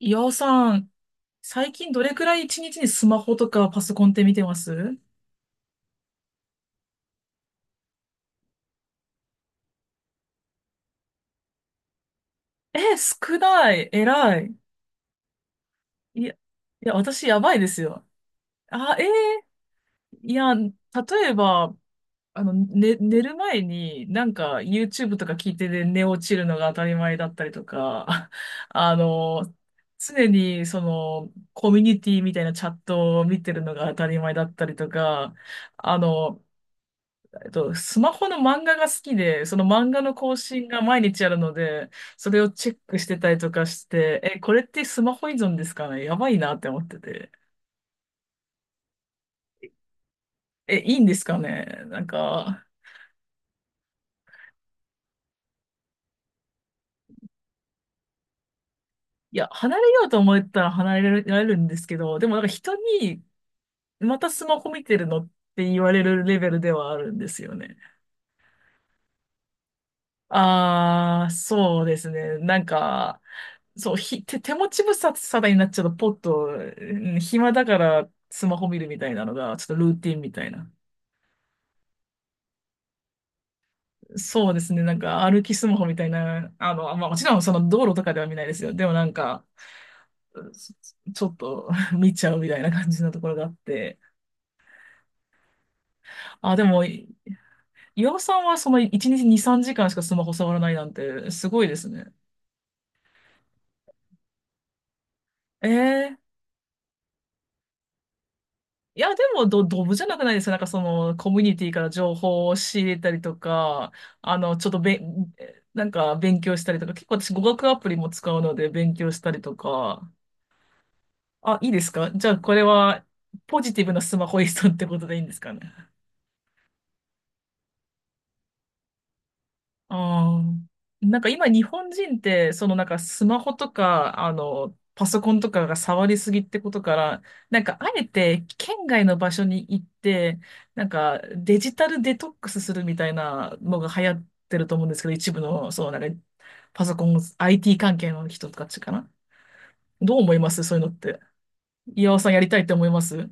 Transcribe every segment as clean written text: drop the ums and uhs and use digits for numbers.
岩尾さん、最近どれくらい一日にスマホとかパソコンって見てます？え、少ない。偉い。いや、いや、私やばいですよ。あ、いや、例えば、ね、寝る前になんか YouTube とか聞いてで寝落ちるのが当たり前だったりとか、あの、常にそのコミュニティみたいなチャットを見てるのが当たり前だったりとか、あの、スマホの漫画が好きで、その漫画の更新が毎日あるので、それをチェックしてたりとかして、え、これってスマホ依存ですかね、やばいなって思ってて。え、いいんですかね、なんか、いや、離れようと思ったら離れられるんですけど、でもなんか人に、またスマホ見てるのって言われるレベルではあるんですよね。あー、そうですね。なんか、そう、手持ち無沙汰になっちゃうと、ポッと、うん、暇だからスマホ見るみたいなのが、ちょっとルーティンみたいな。そうですね、なんか歩きスマホみたいな、まあ、もちろんその道路とかでは見ないですよ。でもなんか、うん、ちょっと 見ちゃうみたいな感じのところがあって。あ、でも、岩尾さんはその1日2、3時間しかスマホ触らないなんて、すごいですね。えーいや、でも、ドブじゃなくないですか、なんかその、コミュニティから情報を仕入れたりとか、ちょっとなんか勉強したりとか、結構私語学アプリも使うので勉強したりとか、あ、いいですか、じゃあこれは、ポジティブなスマホ依存ってことでいいんですかね。ああ。なんか今日本人って、そのなんかスマホとか、パソコンとかが触りすぎってことから、なんかあえて県外の場所に行って、なんかデジタルデトックスするみたいなのが流行ってると思うんですけど、一部の、そう、なんかパソコン、IT 関係の人たちかな。どう思います、そういうのって。岩尾さん、やりたいって思います？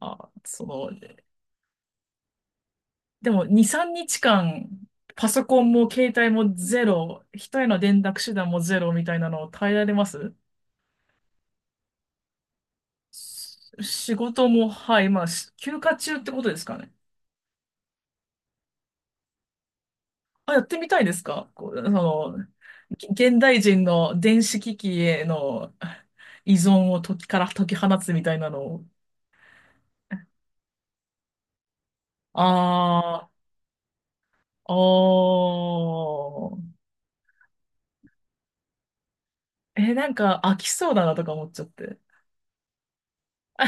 あ、その、でも2、3日間、パソコンも携帯もゼロ、人への連絡手段もゼロみたいなのを耐えられます？仕事も、はい、まあ、休暇中ってことですかね。あ、やってみたいですか、こう、その、現代人の電子機器への依存を時から解き放つみたいなのを。ああ、おー。え、なんか飽きそうだなとか思っちゃって。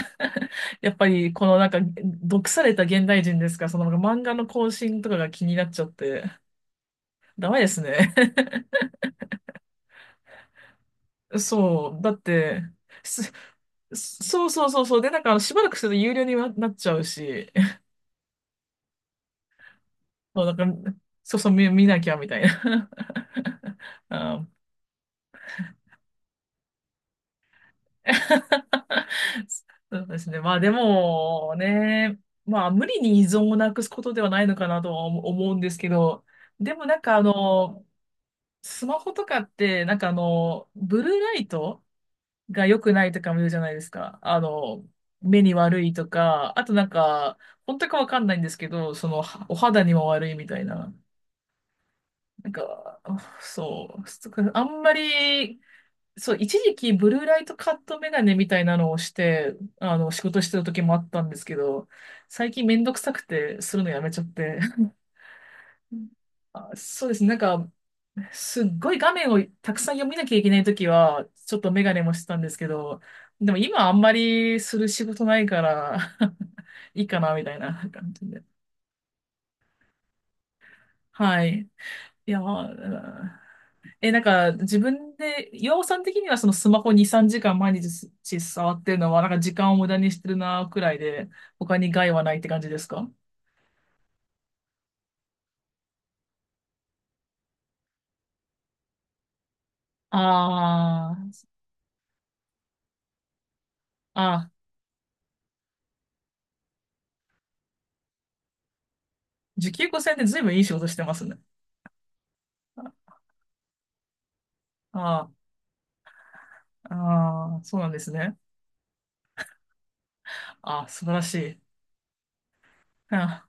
やっぱり、このなんか、毒された現代人ですから、その漫画の更新とかが気になっちゃって、ダメですね。そう、だって、すそうそうそうそう。で、なんか、しばらくすると有料になっちゃうし、そう、なんか、そうそう、見なきゃみたいな。あ、そうですね。まあ、でもね、まあ、無理に依存をなくすことではないのかなとは思うんですけど、でもなんか、スマホとかって、なんかブルーライトが良くないとかも言うじゃないですか。あの、目に悪いとか、あとなんか、本当かわかんないんですけど、その、お肌にも悪いみたいな。なんか、あそう、そっか、あんまり、そう、一時期ブルーライトカットメガネみたいなのをして、あの、仕事してた時もあったんですけど、最近めんどくさくて、するのやめちゃって。あ、そうですね。なんか、すっごい画面をたくさん読みなきゃいけないときは、ちょっとメガネもしてたんですけど、でも今あんまりする仕事ないから いいかな、みたいな感じで。はい。いや、うん、なんか自分で、岩尾さん的にはそのスマホ2、3時間毎日触ってるのは、なんか時間を無駄にしてるな、くらいで、他に害はないって感じですか？ああ、ああ、時給5 0ん0円で随分いい仕事してますね。ああ、ああ、そうなんですね。ああ、素晴らしい。あ、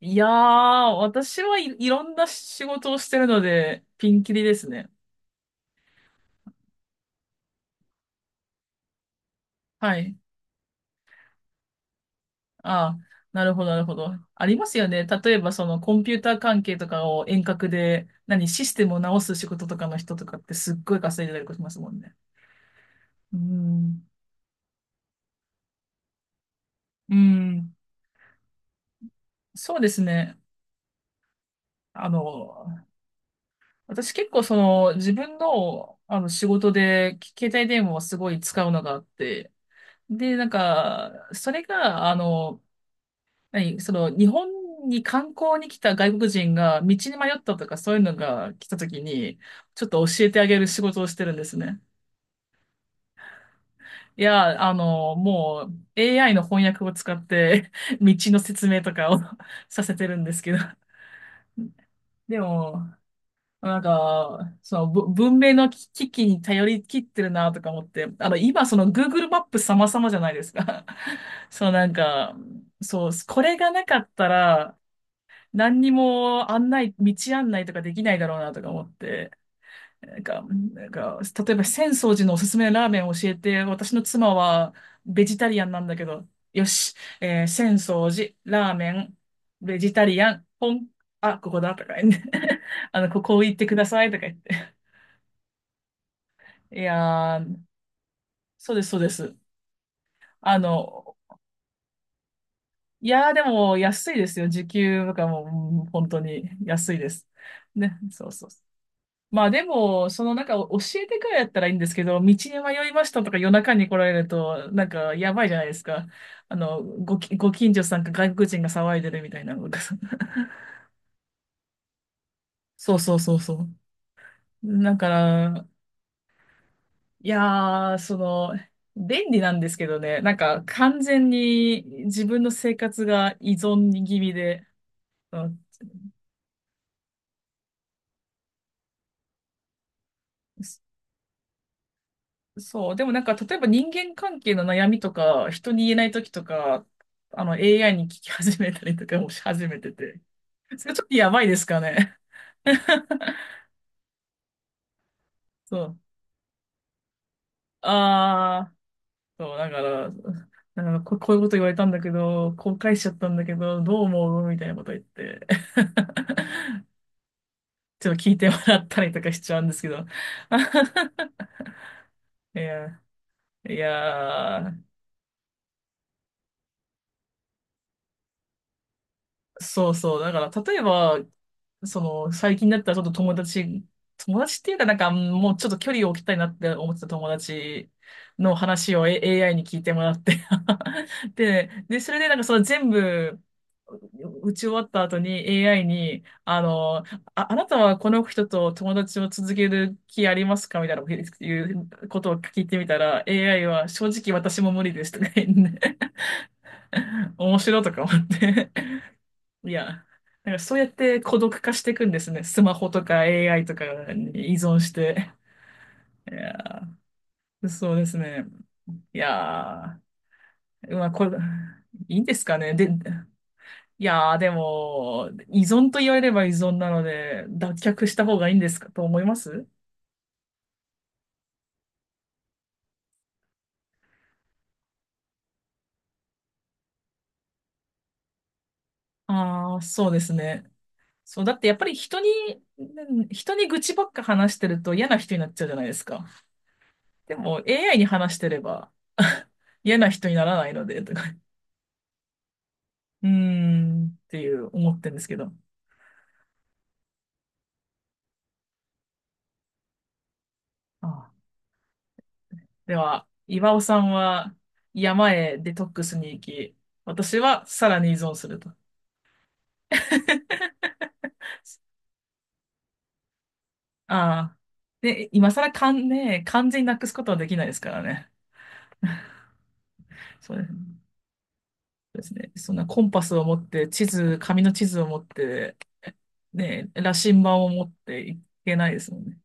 いやー、私はいろんな仕事をしてるので、ピンキリですね。はい。ああ、なるほど、なるほど。ありますよね。例えば、そのコンピューター関係とかを遠隔で、何、システムを直す仕事とかの人とかってすっごい稼いでたりしますもんね。うん。うん。そうですね。あの、私結構その自分の、あの仕事で携帯電話をすごい使うのがあって、で、なんか、それが、はい、その、日本に観光に来た外国人が道に迷ったとかそういうのが来た時に、ちょっと教えてあげる仕事をしてるんですね。いや、もう AI の翻訳を使って 道の説明とかを させてるんですけど。でも、なんか、その文明の機器に頼り切ってるなとか思って、今その Google マップ様々じゃないですか。そう、なんか、そう、これがなかったら、何にも案内、道案内とかできないだろうなとか思って、なんか、例えば浅草寺のおすすめのラーメンを教えて、私の妻はベジタリアンなんだけど、よし、浅草寺、ラーメン、ベジタリアン、ポン、あ、ここだとか言って、ここ行ってくださいとか言って。いやー、そうです、そうです。あの、いやー、でも安いですよ。時給とかも、うん、本当に安いです。ね、そうそう。まあでも、そのなんか教えてくらいだったらいいんですけど、道に迷いましたとか夜中に来られると、なんかやばいじゃないですか。ご近所さんか外国人が騒いでるみたいなのが。そうそうそうそう。だから、いやー、その、便利なんですけどね、なんか完全に自分の生活が依存気味で、うん。そう。でもなんか、例えば人間関係の悩みとか、人に言えない時とか、AI に聞き始めたりとかもし始めてて。それちょっとやばいですかね。そう。ああ、そう、だから、なんかこういうこと言われたんだけど、後悔しちゃったんだけど、どう思うみたいなこと言って。ちょっと聞いてもらったりとかしちゃうんですけど。いや、いやー、そうそう。だから、例えば、その、最近だったらちょっと友達っていうかなんか、もうちょっと距離を置きたいなって思ってた友達の話を、AI に聞いてもらって で、それでなんかその全部、打ち終わった後に AI に、あなたはこの人と友達を続ける気ありますかみたいないうことを聞いてみたら、AI は正直私も無理ですとか言って 面白いとか思って。いや、なんかそうやって孤独化していくんですね。スマホとか AI とかに依存して。いや、そうですね。いやー、まあこれ、いいんですかね。で、いやー、でも、依存と言われれば依存なので、脱却した方がいいんですかと思います。ああー、そうですね。そう、だってやっぱりう人に愚痴ばっか話してると嫌な人になっちゃうじゃないですか。でも AI に話してれば 嫌な人にならないので、うーん、っていう思ってるんですけど。あ、では、岩尾さんは山へデトックスに行き、私はさらに依存すると。ああ。で、今更かんね、完全になくすことはできないですからね。そうですね。そんなコンパスを持って、紙の地図を持って、ね、羅針盤を持っていけないですもんね。